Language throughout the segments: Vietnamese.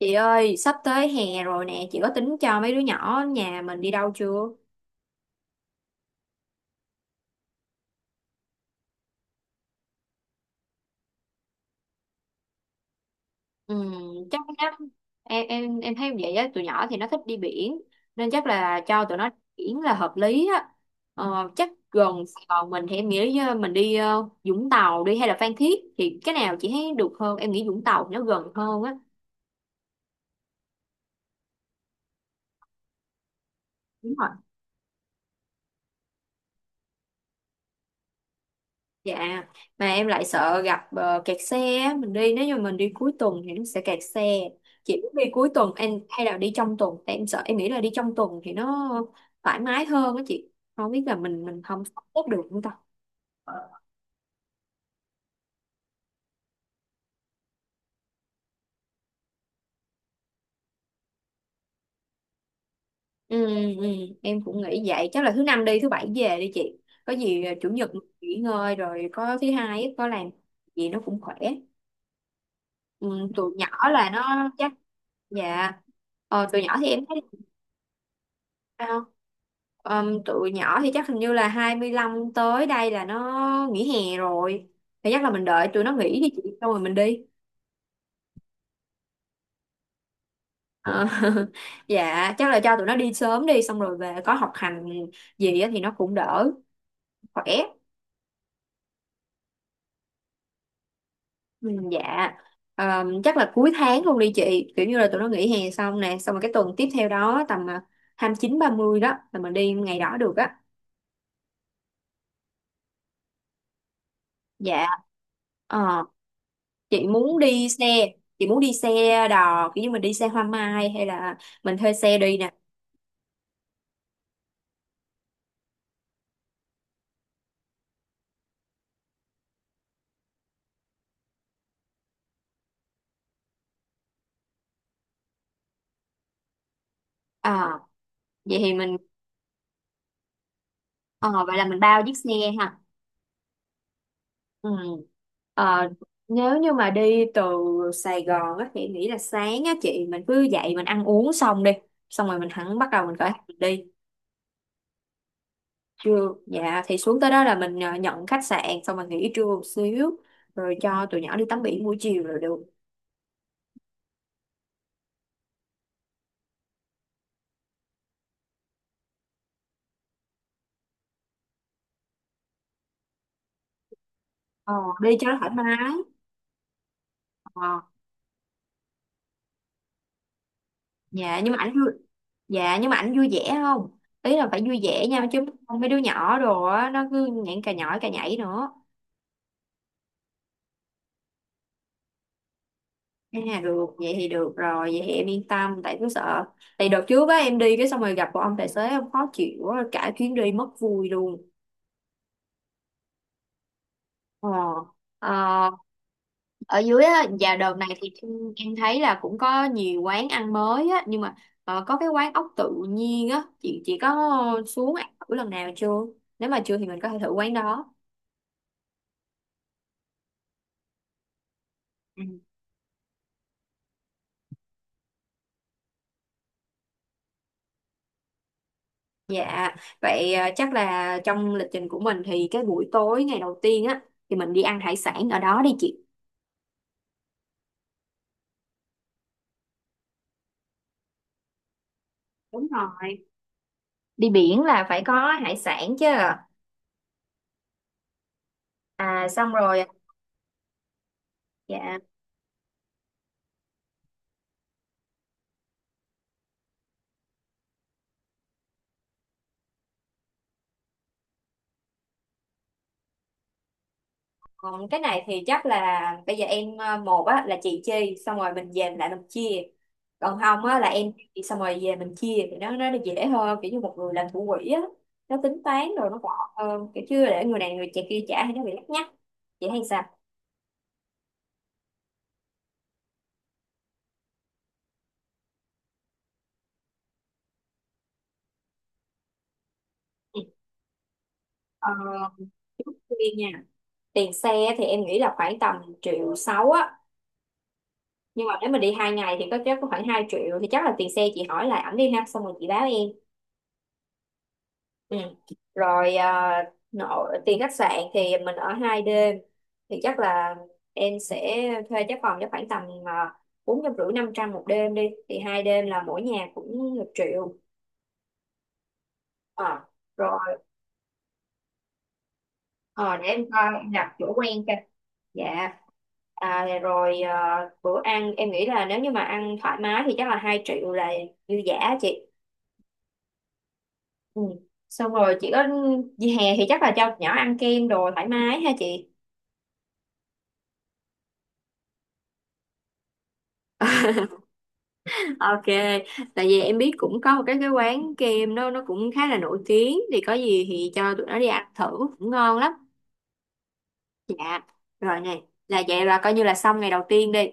Chị ơi, sắp tới hè rồi nè, chị có tính cho mấy đứa nhỏ nhà mình đi đâu chưa? Ừ, chắc lắm. Em thấy vậy á, tụi nhỏ thì nó thích đi biển nên chắc là cho tụi nó biển là hợp lý á. Ờ, chắc gần Sài Gòn mình thì em nghĩ mình đi Vũng Tàu đi hay là Phan Thiết thì cái nào chị thấy được hơn? Em nghĩ Vũng Tàu nó gần hơn á. Đúng rồi. Dạ, mà em lại sợ gặp kẹt xe á. Mình đi Nếu như mình đi cuối tuần thì nó sẽ kẹt xe. Chị muốn đi cuối tuần em hay là đi trong tuần? Tại em sợ, em nghĩ là đi trong tuần thì nó thoải mái hơn á chị. Không biết là mình không sắp xếp được không ta. Ừ, ừ, em cũng nghĩ vậy. Chắc là thứ năm đi, thứ bảy về đi chị. Có gì chủ nhật nghỉ ngơi rồi có thứ hai á, có làm gì nó cũng khỏe. Ừ, tụi nhỏ là nó chắc dạ. Ờ, tụi nhỏ thì em thấy sao? Tụi nhỏ thì chắc hình như là 25 tới đây là nó nghỉ hè rồi, thì chắc là mình đợi tụi nó nghỉ đi chị xong rồi mình đi. Ờ, dạ chắc là cho tụi nó đi sớm đi xong rồi về có học hành gì á thì nó cũng đỡ khỏe. Ừ, dạ. Chắc là cuối tháng luôn đi chị, kiểu như là tụi nó nghỉ hè xong nè, xong rồi cái tuần tiếp theo đó tầm 29, 30 đó là mình đi ngày đó được á. Dạ. Ờ, chị muốn đi xe chị muốn đi xe đò kiểu như mình đi xe hoa mai hay là mình thuê xe đi nè. À, vậy thì mình ờ, vậy là mình bao chiếc xe ha. Ừ. Ờ, nếu như mà đi từ Sài Gòn á thì em nghĩ là sáng á chị mình cứ dậy mình ăn uống xong đi, xong rồi mình hẳn bắt đầu mình khởi hành mình đi trưa, dạ thì xuống tới đó là nhận khách sạn xong rồi nghỉ trưa một xíu, rồi cho tụi nhỏ đi tắm biển buổi chiều rồi được. ờ, Đi cho nó thoải mái. Ờ. dạ nhưng mà ảnh vui dạ nhưng mà ảnh vui vẻ không, ý là phải vui vẻ nha, chứ không mấy đứa nhỏ đồ á nó cứ nhảy cà nhỏi cà nhảy nữa. À được, vậy thì được rồi, vậy thì em yên tâm, tại cứ sợ. Tại đợt trước á em đi cái xong rồi gặp một ông tài xế em khó chịu quá, cả chuyến đi mất vui luôn. Ờ. Ờ, ở dưới á. Và đợt này thì em thấy là cũng có nhiều quán ăn mới á, nhưng mà có cái quán ốc tự nhiên á, chị có xuống ăn thử lần nào chưa? Nếu mà chưa thì mình có thể thử quán đó. Dạ, vậy à, chắc là trong lịch trình của mình thì cái buổi tối ngày đầu tiên á thì mình đi ăn hải sản ở đó đi chị. Đúng rồi. Đi biển là phải có hải sản chứ. À xong rồi. Dạ. Còn cái này thì chắc là bây giờ em à, một á là chị chi xong rồi mình về mình lại mình chia. Còn không á là em chi, xong rồi về mình chia thì nó dễ hơn, kiểu như một người làm thủ quỹ á, nó tính toán rồi nó gọn hơn, kiểu chưa để người này người kia kia trả hay nó bị lắt nhắt. Chị thấy sao? Ừ. Ờ, trước tiên nha, tiền xe thì em nghĩ là khoảng tầm 1,6 triệu á, nhưng mà nếu mà đi 2 ngày thì có chắc có khoảng 2 triệu, thì chắc là tiền xe chị hỏi lại ảnh đi ha, xong rồi chị báo em. Ừ. Rồi à, nọ, tiền khách sạn thì mình ở 2 đêm thì chắc là em sẽ thuê cái phòng cho khoảng tầm 450 – 500 một đêm đi, thì 2 đêm là mỗi nhà cũng 1 triệu. Ờ, rồi. Ờ, để em coi em đặt chỗ quen. Dạ. À, rồi à, bữa ăn em nghĩ là nếu như mà ăn thoải mái thì chắc là 2 triệu là dư dả chị. Ừ. Xong rồi chị có dịp hè thì chắc là cho nhỏ ăn kem đồ thoải mái ha chị. Ok, tại vì em biết cũng có một cái quán kem đó nó cũng khá là nổi tiếng, thì có gì thì cho tụi nó đi ăn thử cũng ngon lắm. Dạ, rồi nè, là vậy là coi như là xong ngày đầu tiên đi.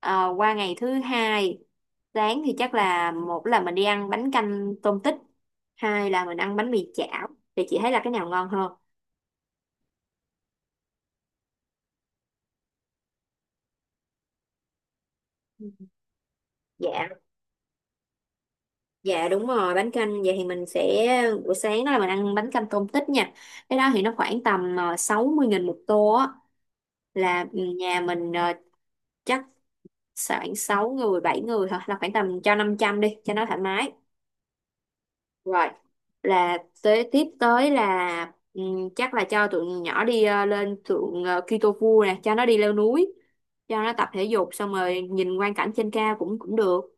Ờ, qua ngày thứ hai, sáng thì chắc là một là mình đi ăn bánh canh tôm tích, hai là mình ăn bánh mì chảo. Thì chị thấy là cái nào ngon hơn? Dạ, dạ đúng rồi, bánh canh vậy thì mình sẽ buổi sáng đó là mình ăn bánh canh tôm tích nha. Cái đó thì nó khoảng tầm 60.000 một tô á, là ừ, chắc khoảng 6 người 7 người thôi, là khoảng tầm cho 500 đi cho nó thoải mái. Rồi, là tới tiếp tới là chắc là cho tụi nhỏ đi lên thượng Kitofu nè, cho nó đi leo núi, cho nó tập thể dục xong rồi nhìn quang cảnh trên cao cũng cũng được.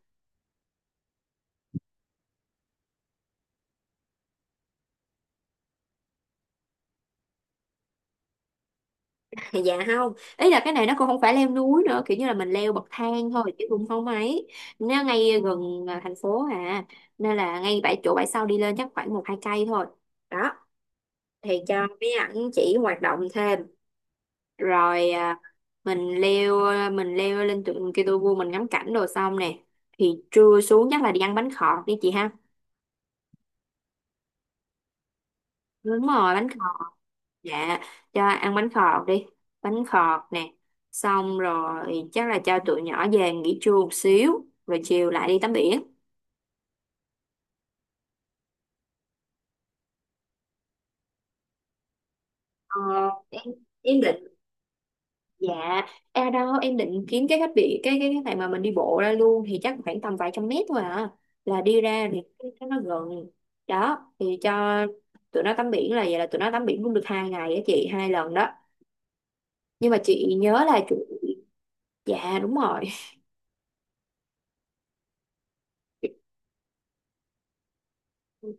Thì dạ không, ý là cái này nó cũng không phải leo núi nữa, kiểu như là mình leo bậc thang thôi chứ cũng không ấy. Nó ngay gần thành phố à, nên là ngay bãi chỗ bãi sau đi lên chắc khoảng một hai cây thôi. Đó, thì cho mấy ảnh chỉ hoạt động thêm. Rồi à, mình leo mình leo lên tượng Kitô vua mình ngắm cảnh đồ xong nè, thì trưa xuống chắc là đi ăn bánh khọt đi chị ha. Đúng rồi bánh khọt. Dạ cho ăn bánh khọt đi, bánh khọt nè, xong rồi chắc là cho tụi nhỏ về nghỉ trưa một xíu rồi chiều lại đi tắm biển. Ờ, em em định. Dạ, à đâu em định kiếm cái khách bị cái cái này mà mình đi bộ ra luôn thì chắc khoảng tầm vài trăm mét thôi à. Là đi ra thì nó gần. Đó, thì cho tụi nó tắm biển, là vậy là tụi nó tắm biển cũng được hai ngày á chị, hai lần đó. Nhưng mà chị nhớ là chị dạ đúng rồi.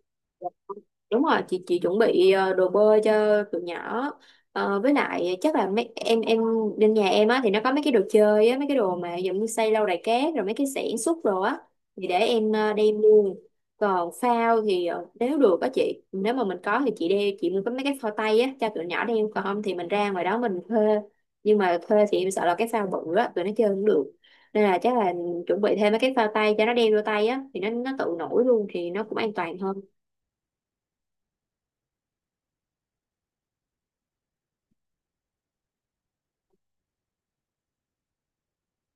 Đúng rồi, chị chuẩn bị đồ bơi cho tụi nhỏ. Ờ, với lại chắc là mấy em bên nhà em á thì nó có mấy cái đồ chơi á, mấy cái đồ mà giống như xây lâu đài cát rồi mấy cái xẻng xúc đồ á thì để em đem luôn. Còn phao thì nếu được á chị, nếu mà mình có thì chị đem chị mua có mấy cái phao tay á cho tụi nhỏ đem, còn không thì mình ra ngoài đó mình thuê. Nhưng mà thuê thì em sợ là cái phao bự á tụi nó chơi không được. Nên là chắc là chuẩn bị thêm mấy cái phao tay cho nó đem vô tay á, thì nó tự nổi luôn thì nó cũng an toàn hơn.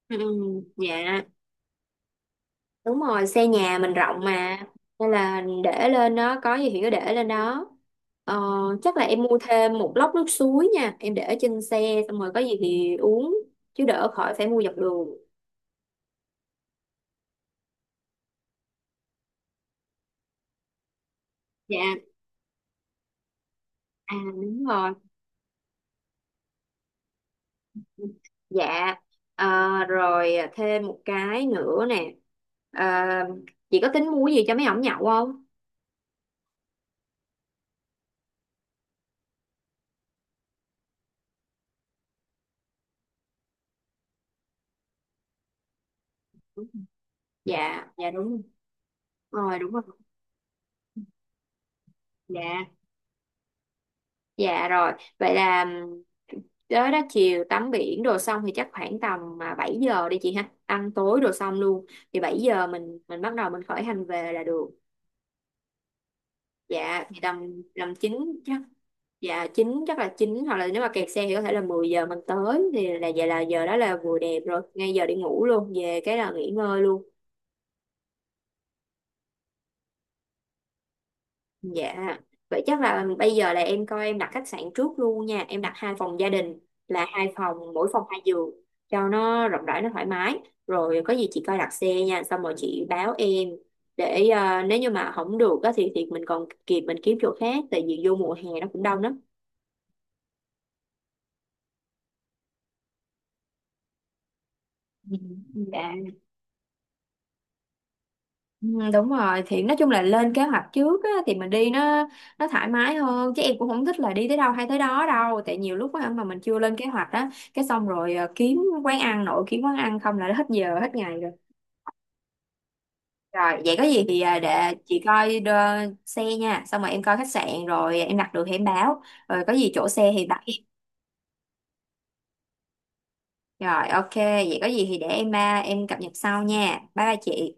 Ừ, dạ đúng rồi, xe nhà mình rộng mà, nên là để lên đó có gì thì cứ để lên đó. ờ, Chắc là em mua thêm một lốc nước suối nha, em để ở trên xe xong rồi có gì thì uống chứ đỡ khỏi phải mua dọc đường. Dạ, à đúng rồi, dạ. Ờ, rồi thêm một cái nữa nè. Ờ, chị có tính mua gì cho mấy ổng nhậu không? Dạ, dạ đúng rồi, rồi đúng rồi, dạ. Dạ rồi, vậy là tới đó chiều tắm biển đồ xong thì chắc khoảng tầm 7 giờ đi chị ha, ăn tối đồ xong luôn. Thì 7 giờ mình bắt đầu mình khởi hành về là được. Dạ thì tầm tầm 9 chắc dạ 9 chắc là chín, hoặc là nếu mà kẹt xe thì có thể là 10 giờ mình tới, thì là vậy là giờ đó là vừa đẹp rồi, ngay giờ đi ngủ luôn, về cái là nghỉ ngơi luôn. Dạ, vậy chắc là bây giờ là em coi em đặt khách sạn trước luôn nha. Em đặt 2 phòng gia đình, là 2 phòng, mỗi phòng 2 giường cho nó rộng rãi, nó thoải mái. Rồi có gì chị coi đặt xe nha, xong rồi chị báo em để nếu như mà không được á, thì mình còn kịp mình kiếm chỗ khác, tại vì vô mùa hè nó cũng đông lắm. Ừ. Dạ. Ừ, đúng rồi thì nói chung là lên kế hoạch trước á, thì mình đi nó thoải mái hơn, chứ em cũng không thích là đi tới đâu hay tới đó đâu, tại nhiều lúc á, mà mình chưa lên kế hoạch á cái xong rồi à, kiếm quán ăn nội kiếm quán ăn không là hết giờ hết ngày rồi. Rồi vậy có gì thì à, để chị coi xe nha, xong rồi em coi khách sạn rồi em đặt được thì em báo, rồi có gì chỗ xe thì báo em, rồi ok. Vậy có gì thì để em à, em cập nhật sau nha, bye bye chị.